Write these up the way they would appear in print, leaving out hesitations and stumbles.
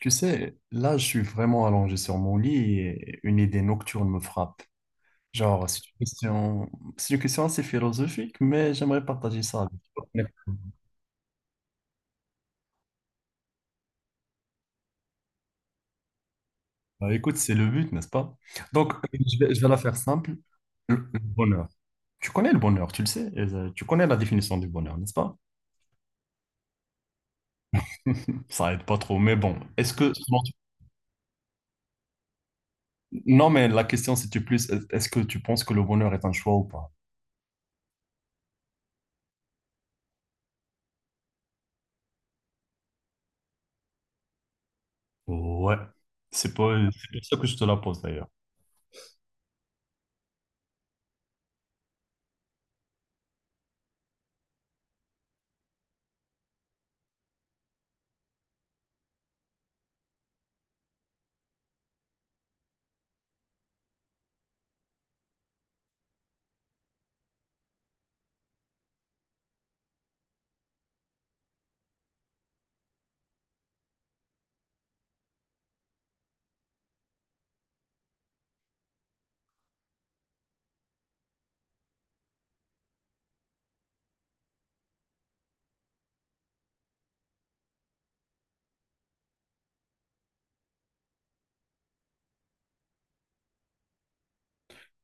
Tu sais, là, je suis vraiment allongé sur mon lit et une idée nocturne me frappe. Genre, c'est une question assez philosophique, mais j'aimerais partager ça avec toi. Bah, écoute, c'est le but, n'est-ce pas? Donc, je vais la faire simple. Le bonheur. Tu connais le bonheur, tu le sais. Tu connais la définition du bonheur, n'est-ce pas? Ça aide pas trop, mais bon. Non, mais la question, c'était plus, est-ce que tu penses que le bonheur est un choix ou pas? Ouais. C'est pas, c'est pour ça que je te la pose, d'ailleurs.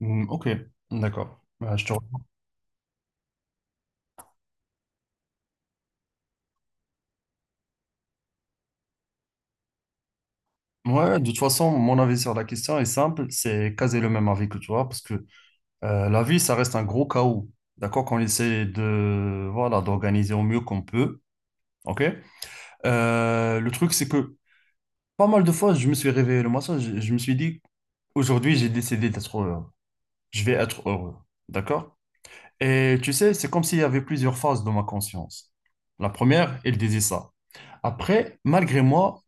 Hmm, ok, d'accord. Bah, je te Ouais, de toute façon, mon avis sur la question est simple, c'est quasi le même avis que toi, parce que la vie, ça reste un gros chaos, d'accord, qu'on essaie de, voilà, d'organiser au mieux qu'on peut, ok? Le truc, c'est que pas mal de fois, je me suis réveillé le matin, je me suis dit, aujourd'hui, j'ai décidé d'être heureux, je vais être heureux, d'accord? Et tu sais, c'est comme s'il y avait plusieurs phases de ma conscience. La première, elle disait ça. Après, malgré moi,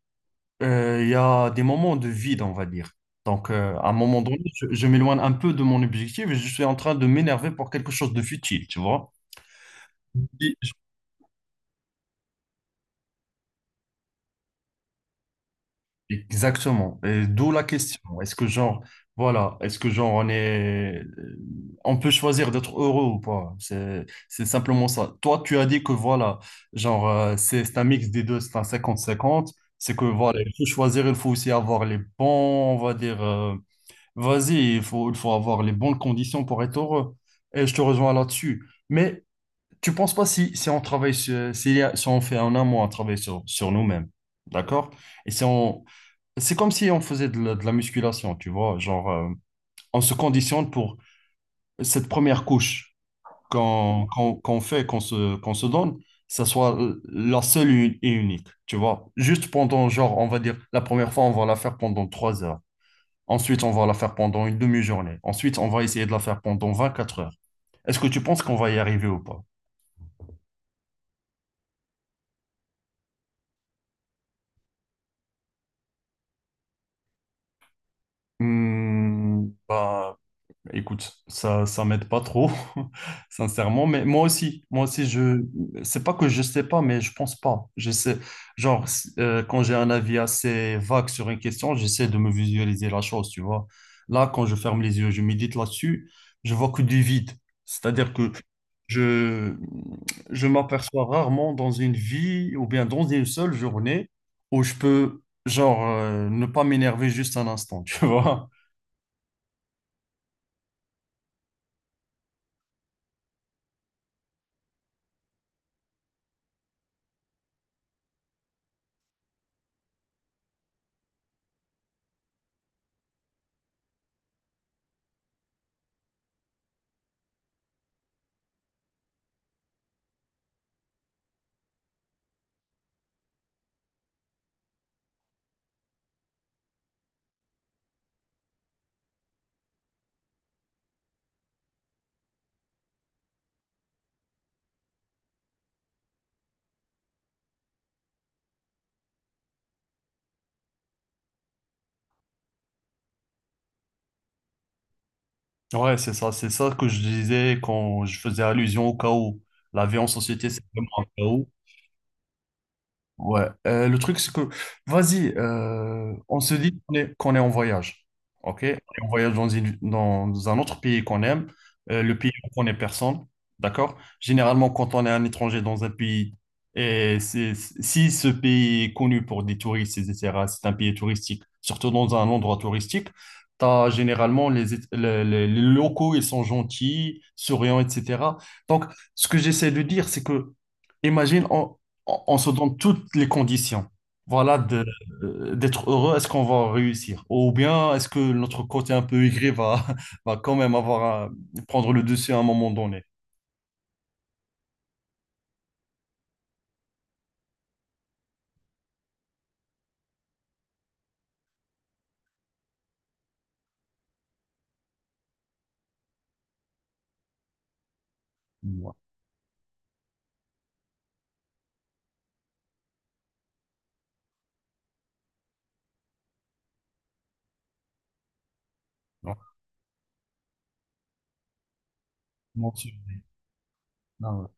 il y a des moments de vide, on va dire. Donc, à un moment donné, je m'éloigne un peu de mon objectif et je suis en train de m'énerver pour quelque chose de futile, tu vois? Et- Exactement. Et d'où la question. Est-ce que genre, voilà, est-ce que genre on peut choisir d'être heureux ou pas? C'est simplement ça. Toi, tu as dit que voilà, genre, c'est un mix des deux, c'est un 50 50. C'est que voilà, il faut choisir, il faut aussi avoir les bons, on va dire. Vas-y, il faut avoir les bonnes conditions pour être heureux. Et je te rejoins là-dessus. Mais tu penses pas si, si on travaille si, on fait un amont à travailler sur nous-mêmes, d'accord? Et si on, c'est comme si on faisait de la musculation, tu vois, genre on se conditionne pour cette première couche qu'on fait, qu'on se donne, ça soit la seule et unique, tu vois. Juste pendant, genre, on va dire, la première fois, on va la faire pendant 3 heures. Ensuite, on va la faire pendant une demi-journée. Ensuite, on va essayer de la faire pendant 24 heures. Est-ce que tu penses qu'on va y arriver ou pas? Hmm, bah, écoute, ça m'aide pas trop, sincèrement. Mais c'est pas que je sais pas, mais je pense pas. Je sais, genre, quand j'ai un avis assez vague sur une question, j'essaie de me visualiser la chose, tu vois. Là, quand je ferme les yeux, je médite là-dessus, je vois que du vide. C'est-à-dire que je, je m'aperçois rarement dans une vie ou bien dans une seule journée où je peux, genre, ne pas m'énerver juste un instant, tu vois. Ouais, c'est ça que je disais quand je faisais allusion au chaos. La vie en société, c'est vraiment un chaos. Ouais, le truc c'est que, vas-y, on se dit qu'on est en voyage, ok? On est en voyage dans un autre pays qu'on aime, le pays où on connaît personne, d'accord? Généralement, quand on est un étranger dans un pays, et c'est- si ce pays est connu pour des touristes, etc., c'est un pays touristique, surtout dans un endroit touristique, t'as généralement les locaux, ils sont gentils, souriants, etc. Donc, ce que j'essaie de dire, c'est que, imagine, on se donne toutes les conditions, voilà, d'être heureux, est-ce qu'on va réussir? Ou bien est-ce que notre côté un peu aigri va, va quand même avoir à prendre le dessus à un moment donné? Ouais, non, non, c'est- non, ouais.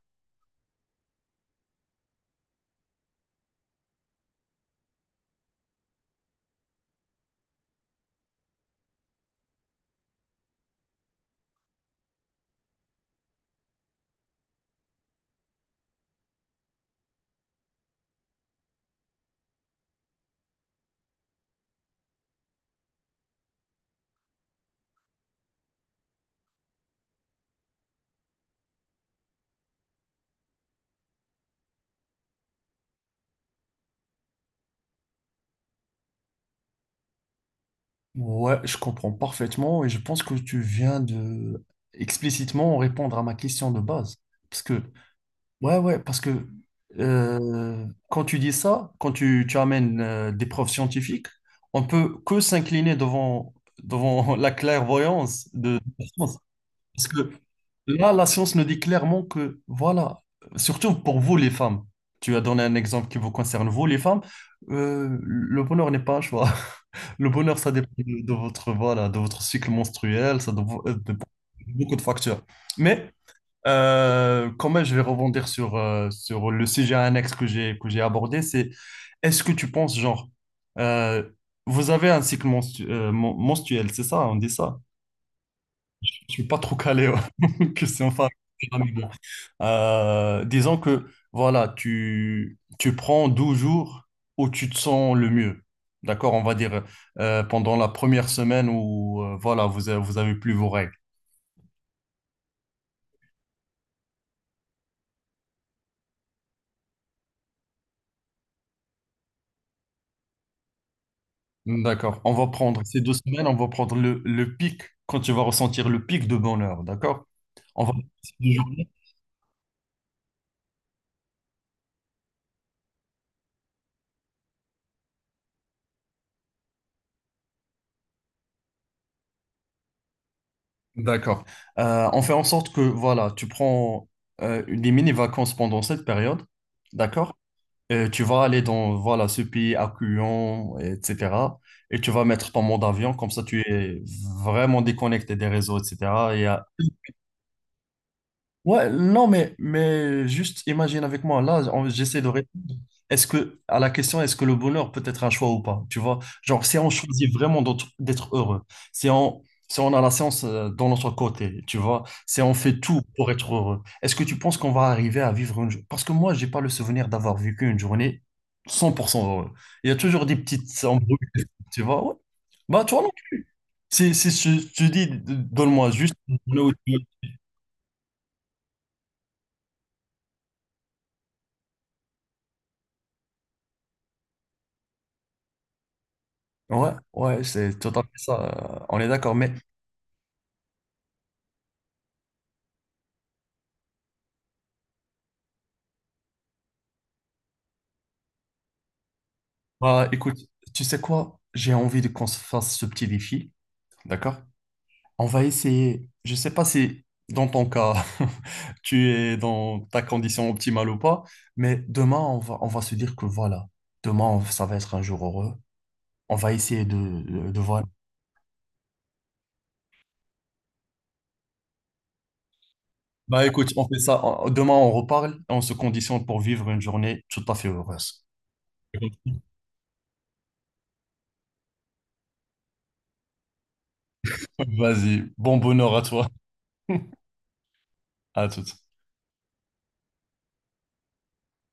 Ouais, je comprends parfaitement et je pense que tu viens de explicitement répondre à ma question de base. Parce que Ouais, ouais, parce que quand tu dis ça, tu amènes des preuves scientifiques, on peut que s'incliner devant, devant la clairvoyance de la science. Parce que là, la science nous dit clairement que, voilà, surtout pour vous les femmes, tu as donné un exemple qui vous concerne, vous les femmes, le bonheur n'est pas un choix. Le bonheur, ça dépend de votre, voilà, de votre cycle menstruel, ça dépend de beaucoup de facteurs. Mais quand même, je vais rebondir sur le sujet annexe que j'ai abordé. C'est est-ce que tu penses, genre, euh, vous avez un cycle mensuel, c'est ça, on dit ça? Je suis pas trop calé, ouais. que c'est enfin. Mais bon. Disons que voilà, tu prends 12 jours où tu te sens le mieux. D'accord, on va dire pendant la première semaine où voilà, vous avez plus vos règles. D'accord. On va prendre ces deux semaines, on va prendre le pic, quand tu vas ressentir le pic de bonheur, d'accord? On va... Des journées D'accord. On fait en sorte que, voilà, tu prends des mini-vacances pendant cette période, d'accord? Tu vas aller dans, voilà, ce pays accueillant, etc. Et tu vas mettre ton mot d'avion, comme ça tu es vraiment déconnecté des réseaux, etc. Il y a Ouais, non, mais juste imagine avec moi, j'essaie de répondre. Est-ce que, à la question, est-ce que le bonheur peut être un choix ou pas? Tu vois, genre, si on choisit vraiment d'être heureux, si on, si on a la science dans notre côté, tu vois, si on fait tout pour être heureux, est-ce que tu penses qu'on va arriver à vivre une journée? Parce que moi, j'ai pas le souvenir d'avoir vécu une journée 100% heureux. Il y a toujours des petites embrouilles, tu vois, ouais. Bah, toi, non. Si je te dis, donne-moi juste Ouais, ouais, c'est totalement ça. On est d'accord. Mais bah, écoute, tu sais quoi? J'ai envie de qu'on se fasse ce petit défi. D'accord? On va essayer. Je sais pas si dans ton cas, tu es dans ta condition optimale ou pas, mais demain, on va se dire que voilà, ça va être un jour heureux. On va essayer de voir. Bah écoute, on fait ça. Demain, on reparle. On se conditionne pour vivre une journée tout à fait heureuse. Vas-y, bon bonheur à toi. À toutes.